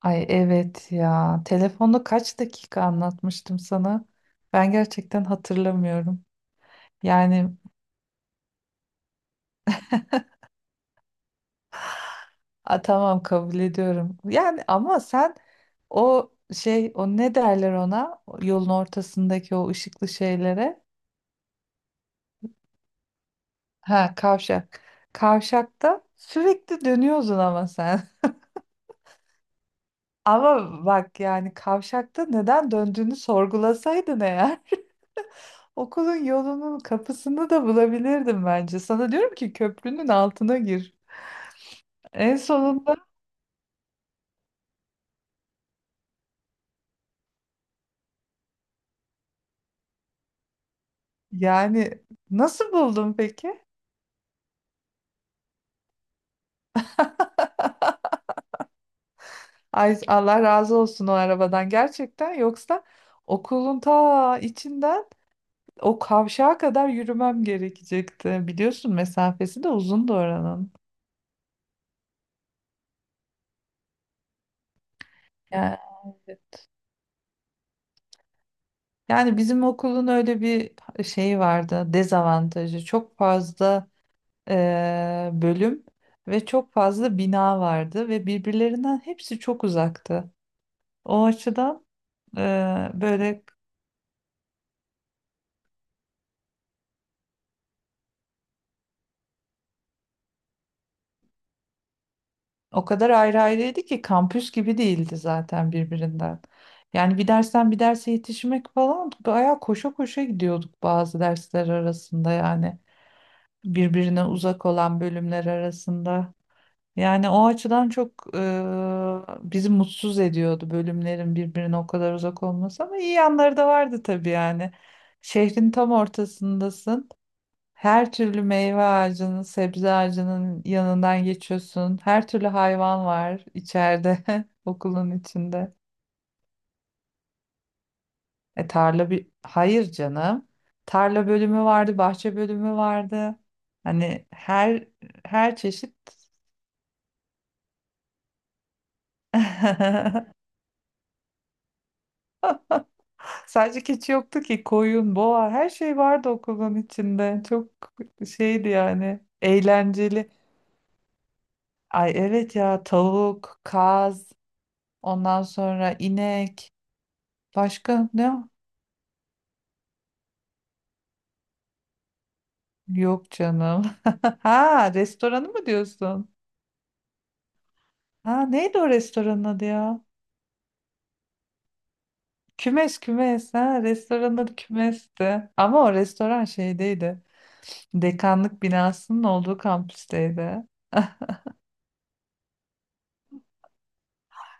Ay evet ya. Telefonda kaç dakika anlatmıştım sana? Ben gerçekten hatırlamıyorum. Yani tamam kabul ediyorum. Yani ama sen o ne derler ona? O yolun ortasındaki o ışıklı şeylere. Ha, kavşak. Kavşakta sürekli dönüyorsun ama sen. Ama bak, yani kavşakta neden döndüğünü sorgulasaydın eğer, okulun yolunun kapısını da bulabilirdim bence. Sana diyorum ki köprünün altına gir. En sonunda yani nasıl buldun peki? Ay Allah razı olsun o arabadan gerçekten. Yoksa okulun ta içinden o kavşağa kadar yürümem gerekecekti. Biliyorsun mesafesi de uzundu oranın. Yani, yani, bizim okulun öyle bir şeyi vardı, dezavantajı. Çok fazla bölüm ve çok fazla bina vardı ve birbirlerinden hepsi çok uzaktı. O açıdan böyle o kadar ayrı ayrıydı ki kampüs gibi değildi zaten birbirinden. Yani bir dersten bir derse yetişmek falan bayağı koşa koşa gidiyorduk bazı dersler arasında, yani birbirine uzak olan bölümler arasında. Yani o açıdan çok bizi mutsuz ediyordu bölümlerin birbirine o kadar uzak olması, ama iyi yanları da vardı tabii yani. Şehrin tam ortasındasın. Her türlü meyve ağacının, sebze ağacının yanından geçiyorsun. Her türlü hayvan var içeride, okulun içinde. Hayır canım. Tarla bölümü vardı, bahçe bölümü vardı. Hani her her çeşit. Sadece keçi yoktu ki, koyun, boğa, her şey vardı okulun içinde. Çok şeydi yani eğlenceli. Ay evet ya, tavuk, kaz, ondan sonra inek. Başka ne? Yok canım. Ha, restoranı mı diyorsun? Ha neydi o restoranın adı ya? Kümes, ha, restoranın adı kümesti. Ama o restoran şeydeydi, dekanlık binasının olduğu kampüsteydi.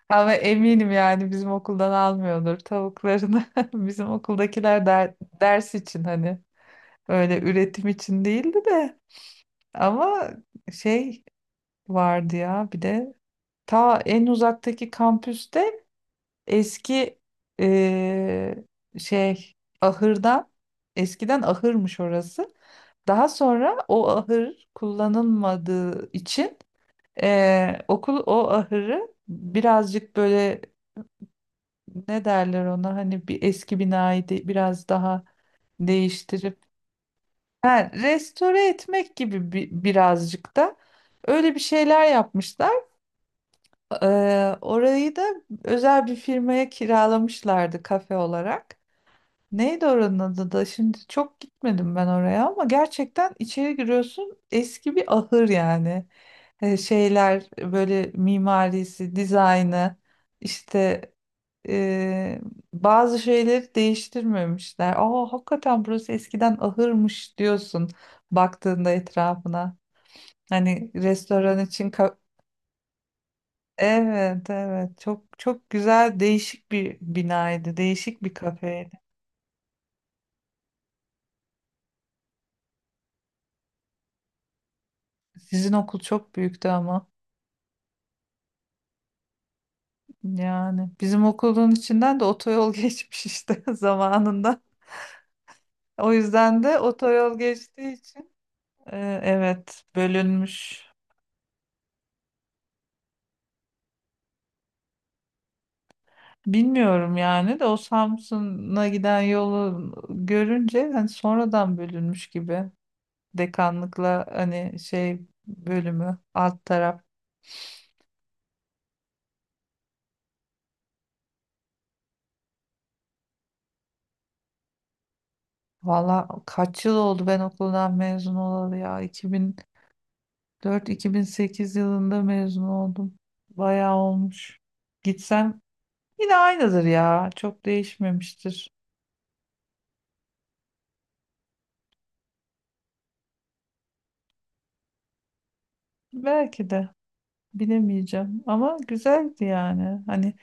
Ama eminim yani bizim okuldan almıyordur tavuklarını. Bizim okuldakiler der- Ders için, hani öyle üretim için değildi de ama şey vardı ya bir de ta en uzaktaki kampüste eski eee, şey ahırdan eskiden ahırmış orası. Daha sonra o ahır kullanılmadığı için okul o ahırı birazcık böyle, ne derler ona hani bir eski binayı biraz daha değiştirip, ha, restore etmek gibi birazcık da öyle bir şeyler yapmışlar. Orayı da özel bir firmaya kiralamışlardı kafe olarak. Neydi oranın adı da? Şimdi çok gitmedim ben oraya ama gerçekten içeri giriyorsun, eski bir ahır yani. Şeyler böyle mimarisi, dizaynı, işte e, bazı şeyleri değiştirmemişler. Aa, hakikaten burası eskiden ahırmış diyorsun baktığında etrafına. Hani restoran için ka- evet, evet, çok çok güzel, değişik bir binaydı, değişik bir kafeydi. Sizin okul çok büyüktü ama. Yani bizim okulun içinden de otoyol geçmiş işte zamanında. O yüzden de otoyol geçtiği için, evet, bölünmüş. Bilmiyorum yani, de o Samsun'a giden yolu görünce hani sonradan bölünmüş gibi. Dekanlıkla hani bölümü alt taraf. Valla kaç yıl oldu ben okuldan mezun olalı ya. 2004-2008 yılında mezun oldum. Bayağı olmuş. Gitsem yine aynıdır ya. Çok değişmemiştir. Belki de bilemeyeceğim. Ama güzeldi yani. Hani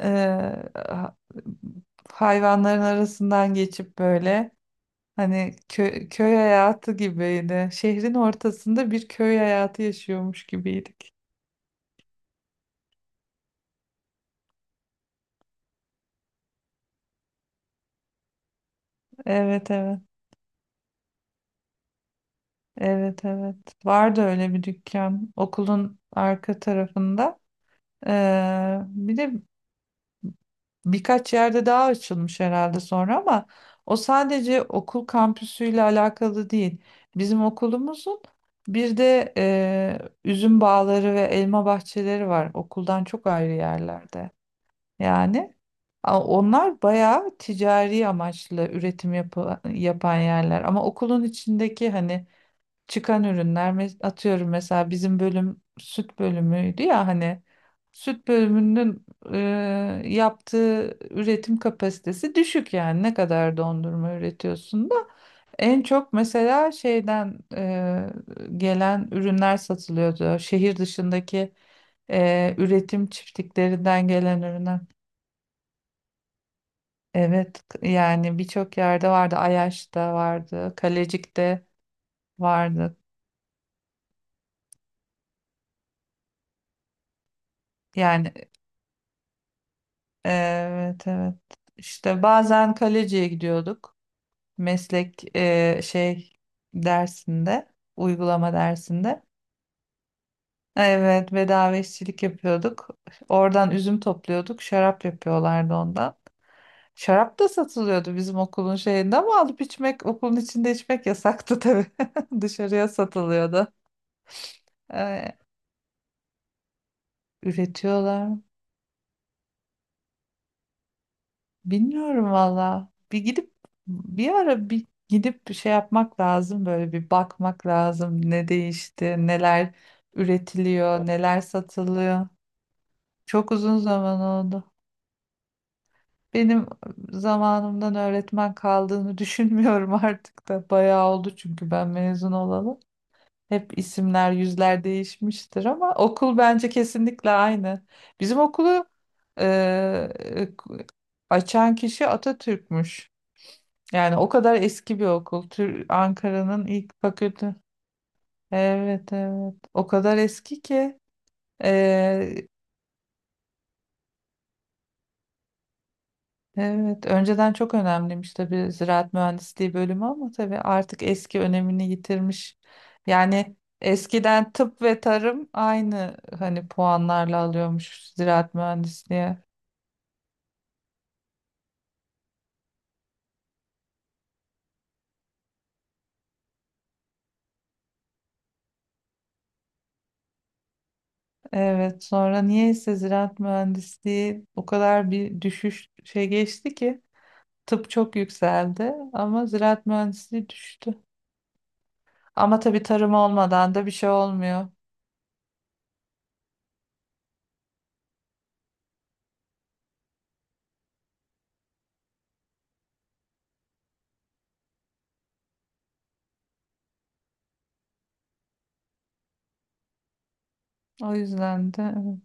eee, ha- hayvanların arasından geçip böyle, hani köy hayatı gibiydi. Şehrin ortasında bir köy hayatı yaşıyormuş gibiydik. Evet evet. Evet evet. Vardı öyle bir dükkan okulun arka tarafında. Bir de birkaç yerde daha açılmış herhalde sonra, ama o sadece okul kampüsüyle alakalı değil. Bizim okulumuzun bir de üzüm bağları ve elma bahçeleri var okuldan çok ayrı yerlerde. Yani onlar bayağı ticari amaçlı üretim yapan yerler, ama okulun içindeki hani çıkan ürünler, atıyorum mesela bizim bölüm süt bölümüydü ya, hani süt bölümünün e, yaptığı üretim kapasitesi düşük, yani ne kadar dondurma üretiyorsun da. En çok mesela şeyden, gelen ürünler satılıyordu, şehir dışındaki üretim çiftliklerinden gelen ürünler. Evet, yani birçok yerde vardı, Ayaş'ta vardı, Kalecik'te vardı yani. Evet evet. İşte bazen kaleciye gidiyorduk. Meslek e, şey dersinde, uygulama dersinde. Evet, bedava işçilik yapıyorduk. Oradan üzüm topluyorduk. Şarap yapıyorlardı ondan. Şarap da satılıyordu bizim okulun şeyinde, ama alıp içmek, okulun içinde içmek yasaktı tabii. Dışarıya satılıyordu. Ee, Üretiyorlar. Bilmiyorum valla. Bir ara bir gidip bir şey yapmak lazım, böyle bir bakmak lazım. Ne değişti, neler üretiliyor, neler satılıyor. Çok uzun zaman oldu. Benim zamanımdan öğretmen kaldığını düşünmüyorum artık da. Bayağı oldu çünkü ben mezun olalı. Hep isimler, yüzler değişmiştir, ama okul bence kesinlikle aynı. Bizim okulu eee, açan kişi Atatürk'müş. Yani o kadar eski bir okul. Ankara'nın ilk fakülte. Evet evet. O kadar eski ki. Ee, evet. Önceden çok önemliymiş tabii ziraat mühendisliği bölümü, ama tabii artık eski önemini yitirmiş. Yani eskiden tıp ve tarım aynı hani puanlarla alıyormuş ziraat mühendisliği. Evet. Sonra niyeyse ziraat mühendisliği o kadar bir düşüş geçti ki. Tıp çok yükseldi ama ziraat mühendisliği düştü. Ama tabii tarım olmadan da bir şey olmuyor. O yüzden de evet,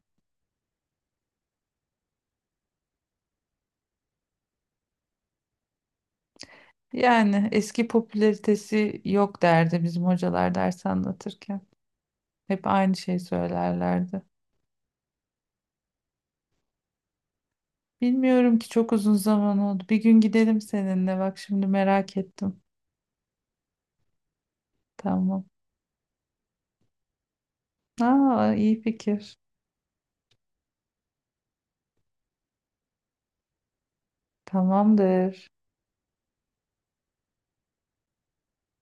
yani eski popülaritesi yok derdi bizim hocalar ders anlatırken. Hep aynı şey söylerlerdi. Bilmiyorum ki çok uzun zaman oldu. Bir gün gidelim seninle. Bak şimdi merak ettim. Tamam. Aa, iyi fikir. Tamamdır.